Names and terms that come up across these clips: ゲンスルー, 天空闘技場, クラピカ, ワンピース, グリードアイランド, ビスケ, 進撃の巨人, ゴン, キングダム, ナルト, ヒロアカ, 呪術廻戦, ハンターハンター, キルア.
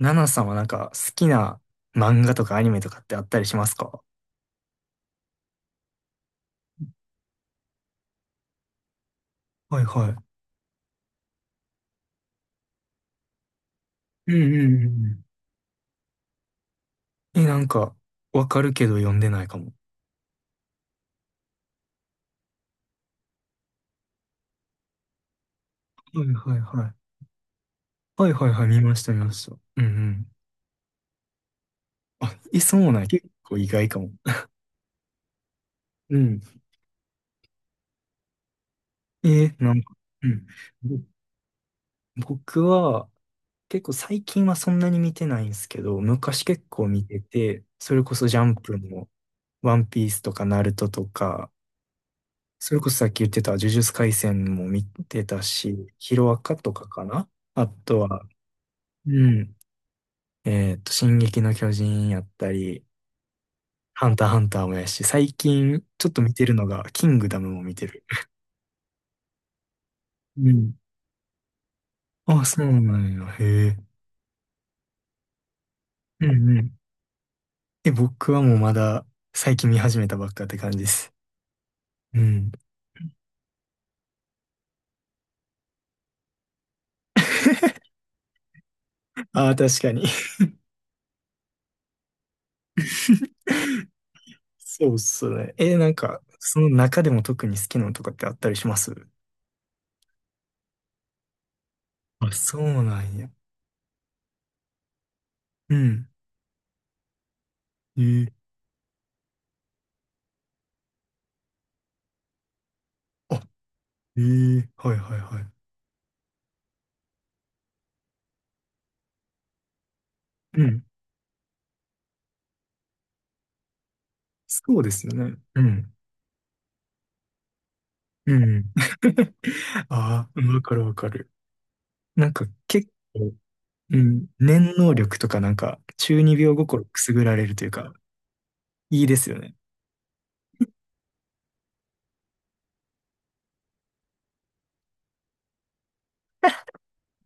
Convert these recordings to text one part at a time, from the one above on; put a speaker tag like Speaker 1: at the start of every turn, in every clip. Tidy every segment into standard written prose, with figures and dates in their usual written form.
Speaker 1: ナナさんはなんか好きな漫画とかアニメとかってあったりしますか？はいはい、うんうんうんうん。い。え、なんか、わかるけど読んでないかも。はいはいはい。はいはいはい、見ました見ました。うんうん。あ、え、そうなんや、結構意外かも。うん。え、なんか、うん。ぼ僕は結構最近はそんなに見てないんですけど、昔結構見てて、それこそジャンプもワンピースとかナルトとか、それこそさっき言ってた呪術廻戦も見てたし、ヒロアカとかかな。あとは、うん、進撃の巨人やったり、ハンターハンターもやし、最近ちょっと見てるのが、キングダムも見てる。うん。あ、そうなんや。へえ。うんうん。え、僕はもうまだ最近見始めたばっかって感じです。うん。ああ、確かに。そうっすね。え、なんか、その中でも特に好きなのとかってあったりします？あ、そうなんや。うん。ええ、あ、ええ、はいはいはい。うん。そうですよね。うん。うん。ああ、わかるわかる。なんか結構、うん、念能力とかなんか中二病心くすぐられるというか、いいですよね。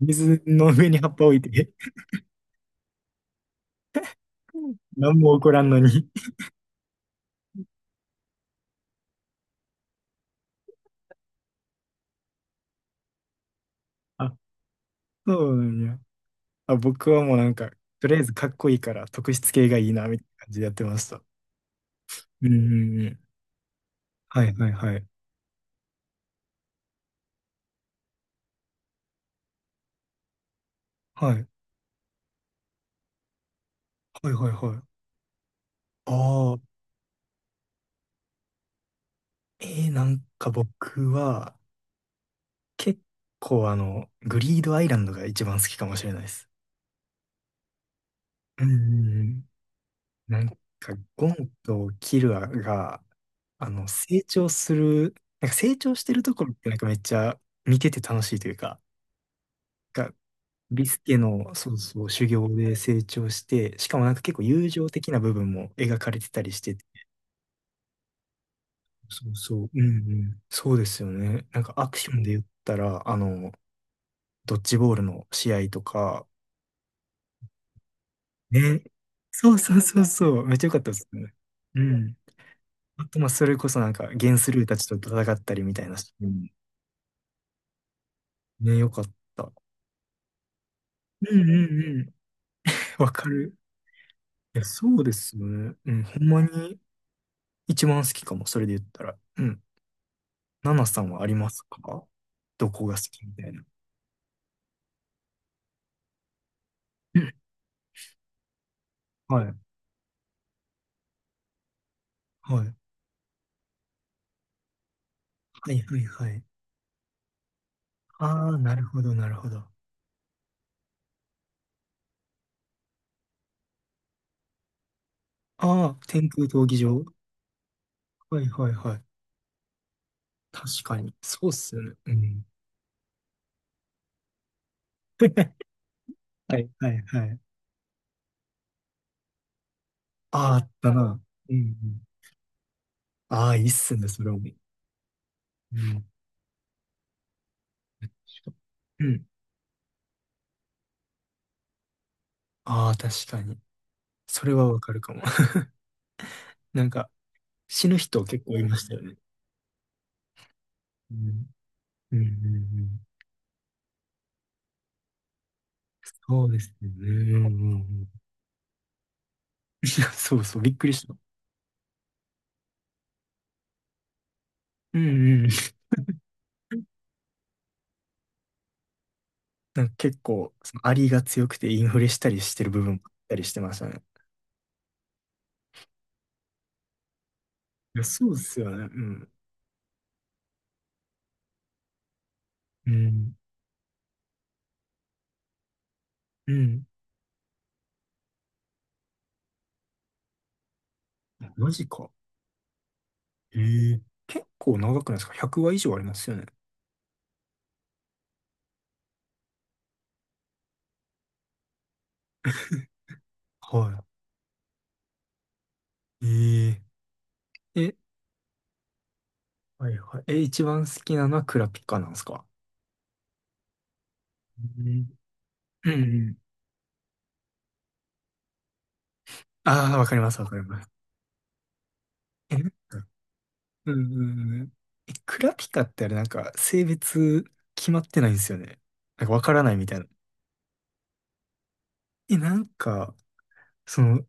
Speaker 1: 水の上に葉っぱ置いて、何も起こらんのに。あ、そうなんや。あ、僕はもうなんか、とりあえずかっこいいから特質系がいいな、みたいな感じでやってました。うんうんうん。はいはいはい。はい。はいはいはい。ああ。なんか僕は、結構あの、グリードアイランドが一番好きかもしれないです。うんうんうん。なんか、ゴンとキルアが、あの、成長する、なんか成長してるところってなんかめっちゃ見てて楽しいというか、が、ビスケの、そうそう、修行で成長して、しかもなんか結構友情的な部分も描かれてたりして、そうそう、うんうん。そうですよね。なんかアクションで言ったら、あの、ドッジボールの試合とか、ね。そうそうそうそう。めっちゃ良かったですね。うん。あと、まあ、それこそなんか、ゲンスルーたちと戦ったりみたいなシーンね、良かった。うんうんうん。わかる。いや、そうですよね。うん。ほんまに一番好きかも。それで言ったら。うん。ナナさんはありますか？どこが好きみたいな。うん、はい。はい。はいはいはい。ああ、なるほどなるほど。ああ、天空闘技場。はいはいはい。確かに。そうっすよね。うん。はいはいはい。ああ、あなったな。うんうん。ああ、いいっすね、それはもう。うん。うん。ああ、確かに。それはわかるかも。なんか、死ぬ人結構いましたよね。うん、うん、うん、うん。そうですね。うんうんうん。そうそう、びっくりした。うんうん。なんか結構、そのアリが強くてインフレしたりしてる部分もあったりしてましたね。いや、そうですよね。うん。うん。うん。マジか。ええ、結構長くないですか？ 100 話以上ありますよね。はい。ええ、え、はいはい。え、一番好きなのはクラピカなんですか？うんうんうん。ああ、わかります、わかります。え、うん、うんうん。え、クラピカってあれなんか性別決まってないんですよね。なんかわからないみたいな。え、なんか、その、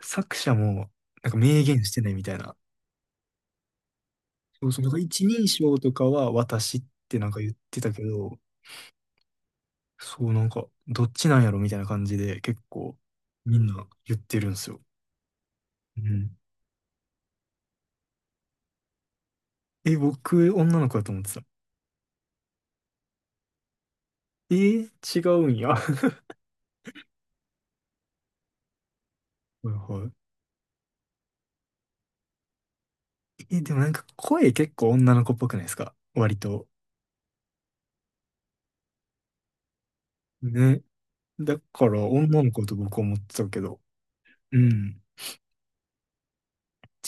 Speaker 1: 作者もなんか明言してないみたいな。そうそう、なんか一人称とかは私ってなんか言ってたけど、そうなんか、どっちなんやろみたいな感じで結構みんんな言ってるんですよ。え、僕、女の子だと思ってた。えー、違うんや。はいはい。え、でもなんか声結構女の子っぽくないですか？割と。ね。だから女の子と僕は思ってたけど。うん。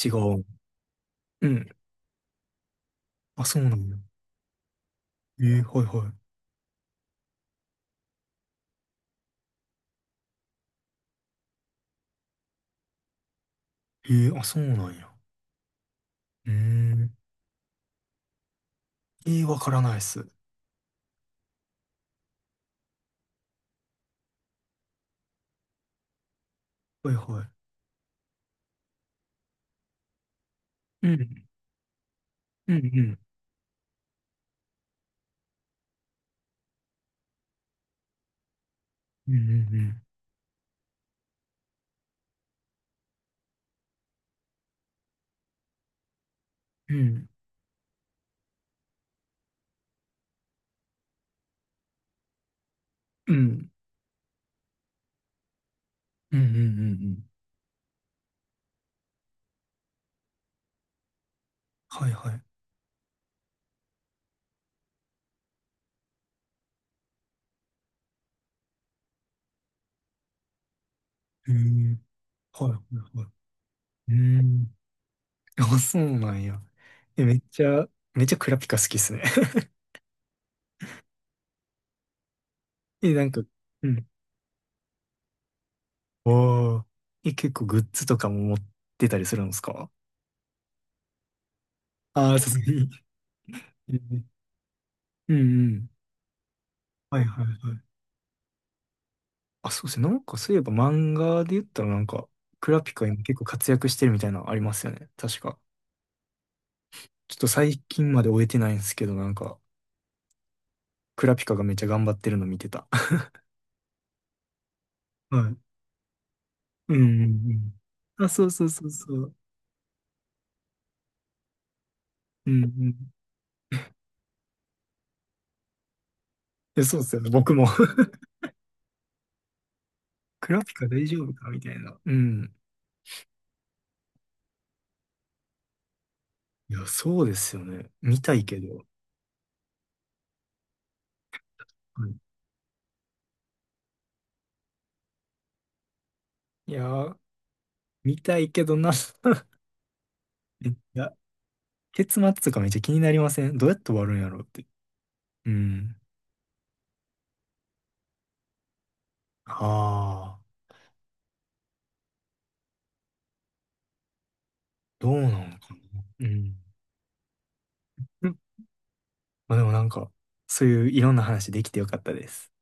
Speaker 1: 違う。うん。あ、そうなんや。えー、はいはい。えー、あ、そうなんや。うーん。えー、わからないっす。はいはい。うん。うんうん。うんうんうん。うん。うんうんうんうんうん。はいはい。えー、はいはいはい。うーん。あ、そうなんや。え、めっちゃ、めっちゃクラピカ好きっすね。え、なんか、うん。おー。え、結構グッズとかも持ってたりするんですか？あ あー、さすがに。え、うんうん。はいはいはい。あ、そうですね。なんかそういえば漫画で言ったらなんか、クラピカ今結構活躍してるみたいなのありますよね。確か。ちょっと最近まで終えてないんですけど、なんか、クラピカがめっちゃ頑張ってるの見てた。はい。うんうんうん。あ、そうそうそうそう。うんうん。いや、そうですよね。僕も。クラピカ大丈夫かみたいな。うん。いや、そうですよね。見たいけど。はい。いやー、見たいけどな。いや、結末とかめっちゃ気になりません？どうやって終わるんやろうって。うん。ああ、どうなのかな。うん。うん、まあでもなんか、そういういろんな話できてよかったです。